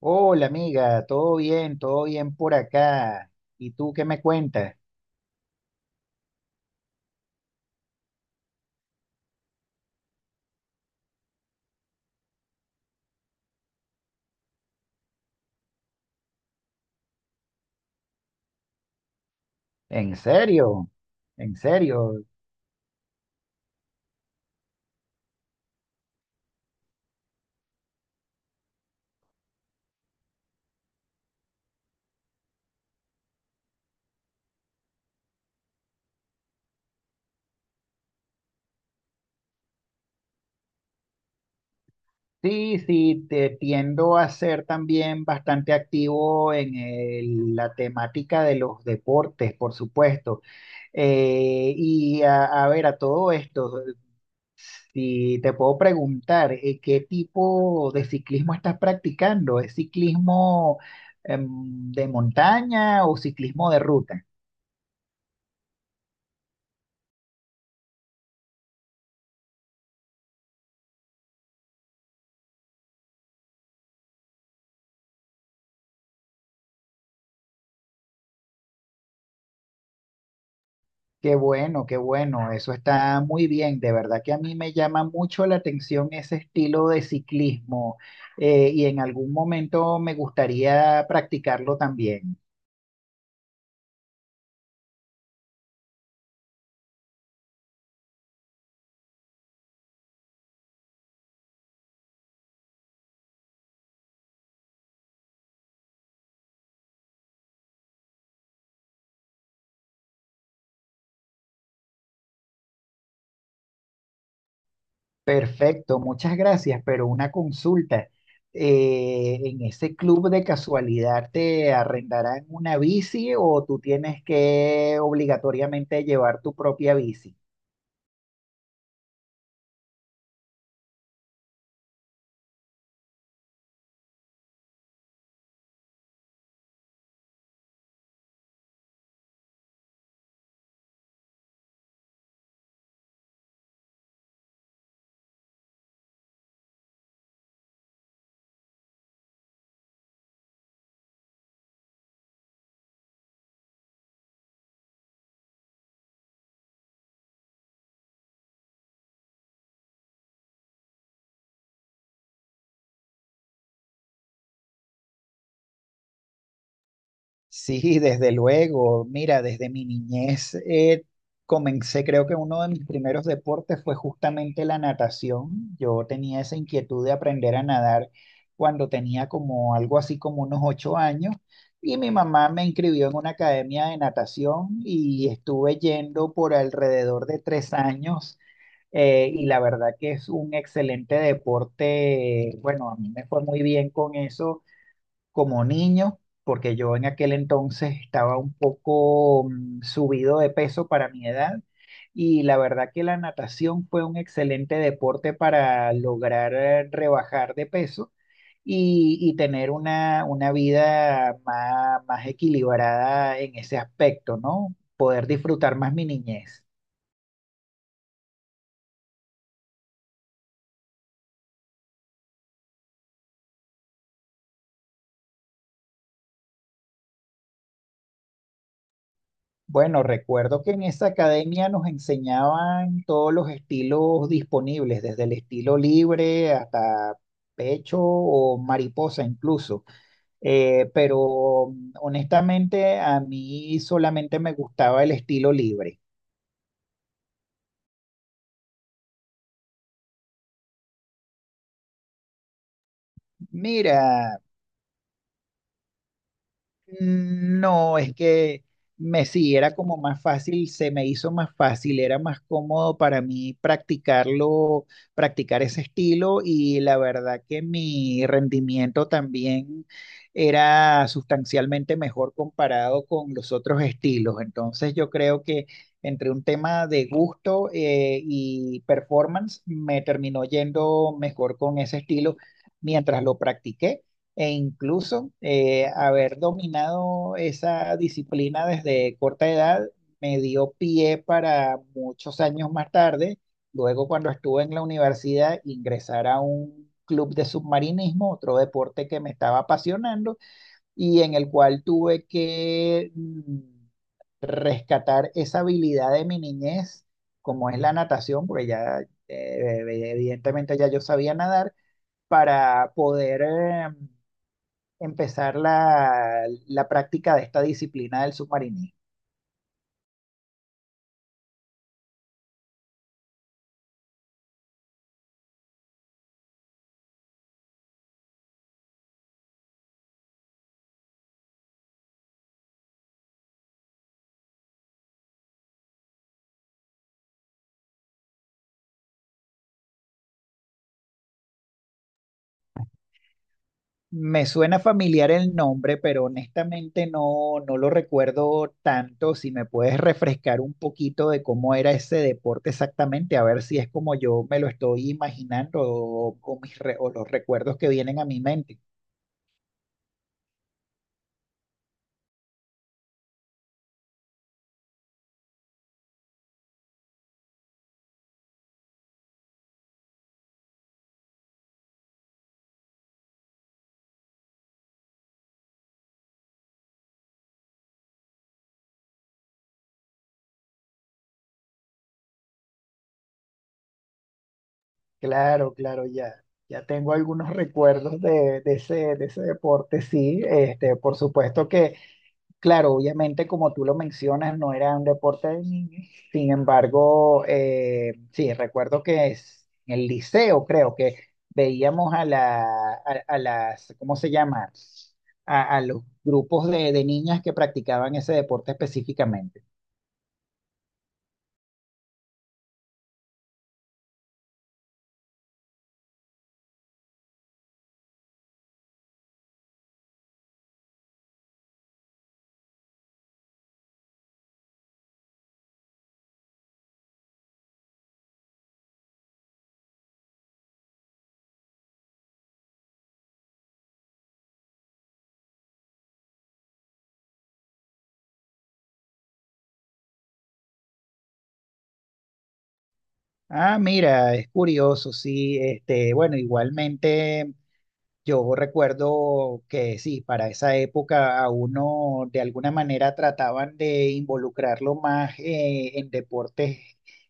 Hola amiga, todo bien por acá. ¿Y tú qué me cuentas? ¿En serio? ¿En serio? Sí, sí, te tiendo a ser también bastante activo en la temática de los deportes, por supuesto. Y a ver, a todo esto, si te puedo preguntar, ¿qué tipo de ciclismo estás practicando? ¿Es ciclismo, de montaña o ciclismo de ruta? Qué bueno, eso está muy bien. De verdad que a mí me llama mucho la atención ese estilo de ciclismo y en algún momento me gustaría practicarlo también. Perfecto, muchas gracias, pero una consulta. ¿En ese club de casualidad te arrendarán una bici o tú tienes que obligatoriamente llevar tu propia bici? Sí, desde luego. Mira, desde mi niñez comencé, creo que uno de mis primeros deportes fue justamente la natación. Yo tenía esa inquietud de aprender a nadar cuando tenía como algo así como unos 8 años y mi mamá me inscribió en una academia de natación y estuve yendo por alrededor de 3 años. Y la verdad que es un excelente deporte. Bueno, a mí me fue muy bien con eso como niño, porque yo en aquel entonces estaba un poco subido de peso para mi edad y la verdad que la natación fue un excelente deporte para lograr rebajar de peso y tener una vida más equilibrada en ese aspecto, ¿no? Poder disfrutar más mi niñez. Bueno, recuerdo que en esa academia nos enseñaban todos los estilos disponibles, desde el estilo libre hasta pecho o mariposa incluso. Pero honestamente a mí solamente me gustaba el estilo libre. Mira, No, es que me sí, era como más fácil, se me hizo más fácil, era más cómodo para mí practicarlo, practicar ese estilo y la verdad que mi rendimiento también era sustancialmente mejor comparado con los otros estilos. Entonces yo creo que entre un tema de gusto y performance me terminó yendo mejor con ese estilo mientras lo practiqué e incluso haber dominado esa disciplina desde corta edad me dio pie para muchos años más tarde, luego cuando estuve en la universidad, ingresar a un club de submarinismo, otro deporte que me estaba apasionando y en el cual tuve que rescatar esa habilidad de mi niñez, como es la natación, porque ya evidentemente ya yo sabía nadar, para poder... empezar la práctica de esta disciplina del submarinismo. Me suena familiar el nombre, pero honestamente no, no lo recuerdo tanto. Si me puedes refrescar un poquito de cómo era ese deporte exactamente, a ver si es como yo me lo estoy imaginando o o los recuerdos que vienen a mi mente. Claro, claro, ya, ya tengo algunos recuerdos de ese deporte, sí. Este, por supuesto que Claro, obviamente, como tú lo mencionas, no era un deporte de niños. Sin embargo, sí, recuerdo que es en el liceo, creo que veíamos a a las, ¿cómo se llama? A los grupos de niñas que practicaban ese deporte específicamente. Ah, mira, es curioso, sí. Este, bueno, igualmente. Yo recuerdo que sí, para esa época a uno de alguna manera trataban de involucrarlo más en deportes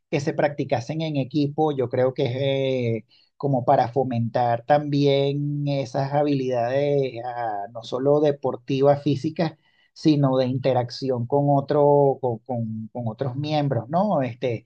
que se practicasen en equipo. Yo creo que es como para fomentar también esas habilidades ah, no solo deportivas físicas, sino de interacción con otro, con otros miembros, ¿no? Este,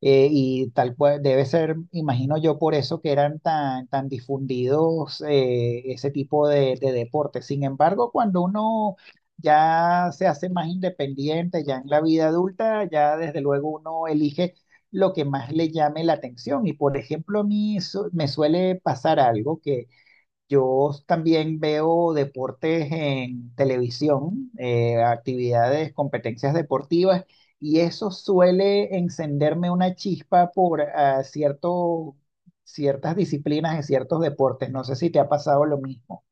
y tal cual, debe ser, imagino yo, por eso que eran tan, tan difundidos ese tipo de deportes. Sin embargo, cuando uno ya se hace más independiente, ya en la vida adulta, ya desde luego uno elige lo que más le llame la atención. Y por ejemplo, a me suele pasar algo que yo también veo deportes en televisión, actividades, competencias deportivas, y eso suele encenderme una chispa por ah, cierto, ciertas disciplinas en ciertos deportes. No sé si te ha pasado lo mismo.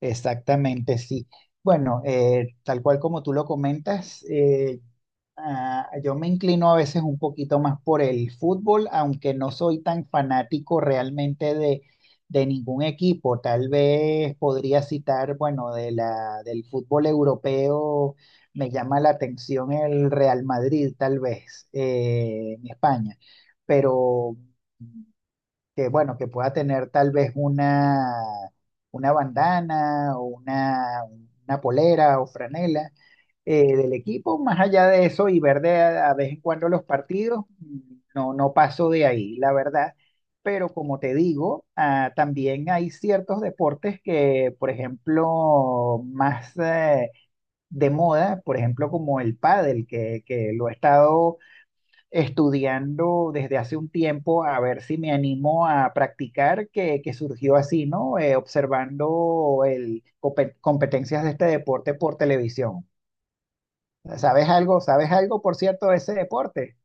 Exactamente, sí. Bueno, tal cual como tú lo comentas, Ah, yo me inclino a veces un poquito más por el fútbol, aunque no soy tan fanático realmente de ningún equipo. Tal vez podría citar, bueno, de del fútbol europeo, me llama la atención el Real Madrid, tal vez, en España. Pero que bueno, que pueda tener tal vez una bandana o una polera o franela del equipo. Más allá de eso y ver de a vez en cuando los partidos, mm, no, no paso de ahí, la verdad. Pero como te digo, ah, también hay ciertos deportes que, por ejemplo, más de moda, por ejemplo, como el pádel, que lo he estado estudiando desde hace un tiempo a ver si me animo a practicar, que surgió así, ¿no? Observando el, competencias de este deporte por televisión. ¿Sabes algo? ¿Sabes algo, por cierto, de ese deporte?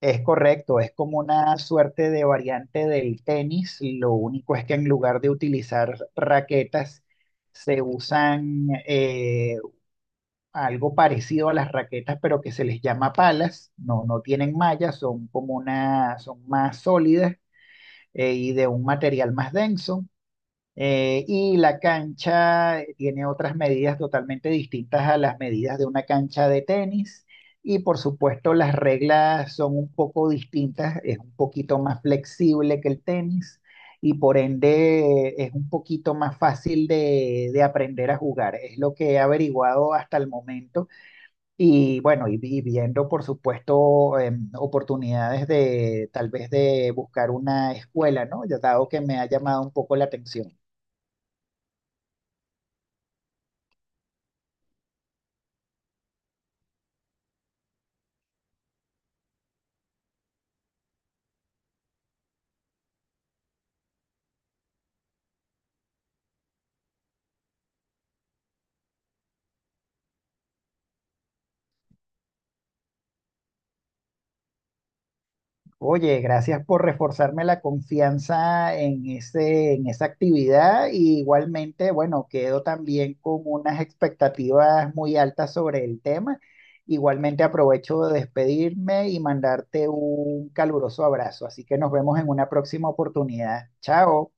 Es correcto, es como una suerte de variante del tenis. Lo único es que en lugar de utilizar raquetas, se usan algo parecido a las raquetas, pero que se les llama palas, no, no tienen malla, son como una, son más sólidas y de un material más denso. Y la cancha tiene otras medidas totalmente distintas a las medidas de una cancha de tenis. Y por supuesto las reglas son un poco distintas, es un poquito más flexible que el tenis y por ende es un poquito más fácil de aprender a jugar. Es lo que he averiguado hasta el momento y bueno, y viendo, por supuesto, em, oportunidades de tal vez de buscar una escuela, ¿no? Ya dado que me ha llamado un poco la atención. Oye, gracias por reforzarme la confianza en ese, en esa actividad. Y igualmente, bueno, quedo también con unas expectativas muy altas sobre el tema. Igualmente aprovecho de despedirme y mandarte un caluroso abrazo. Así que nos vemos en una próxima oportunidad. Chao.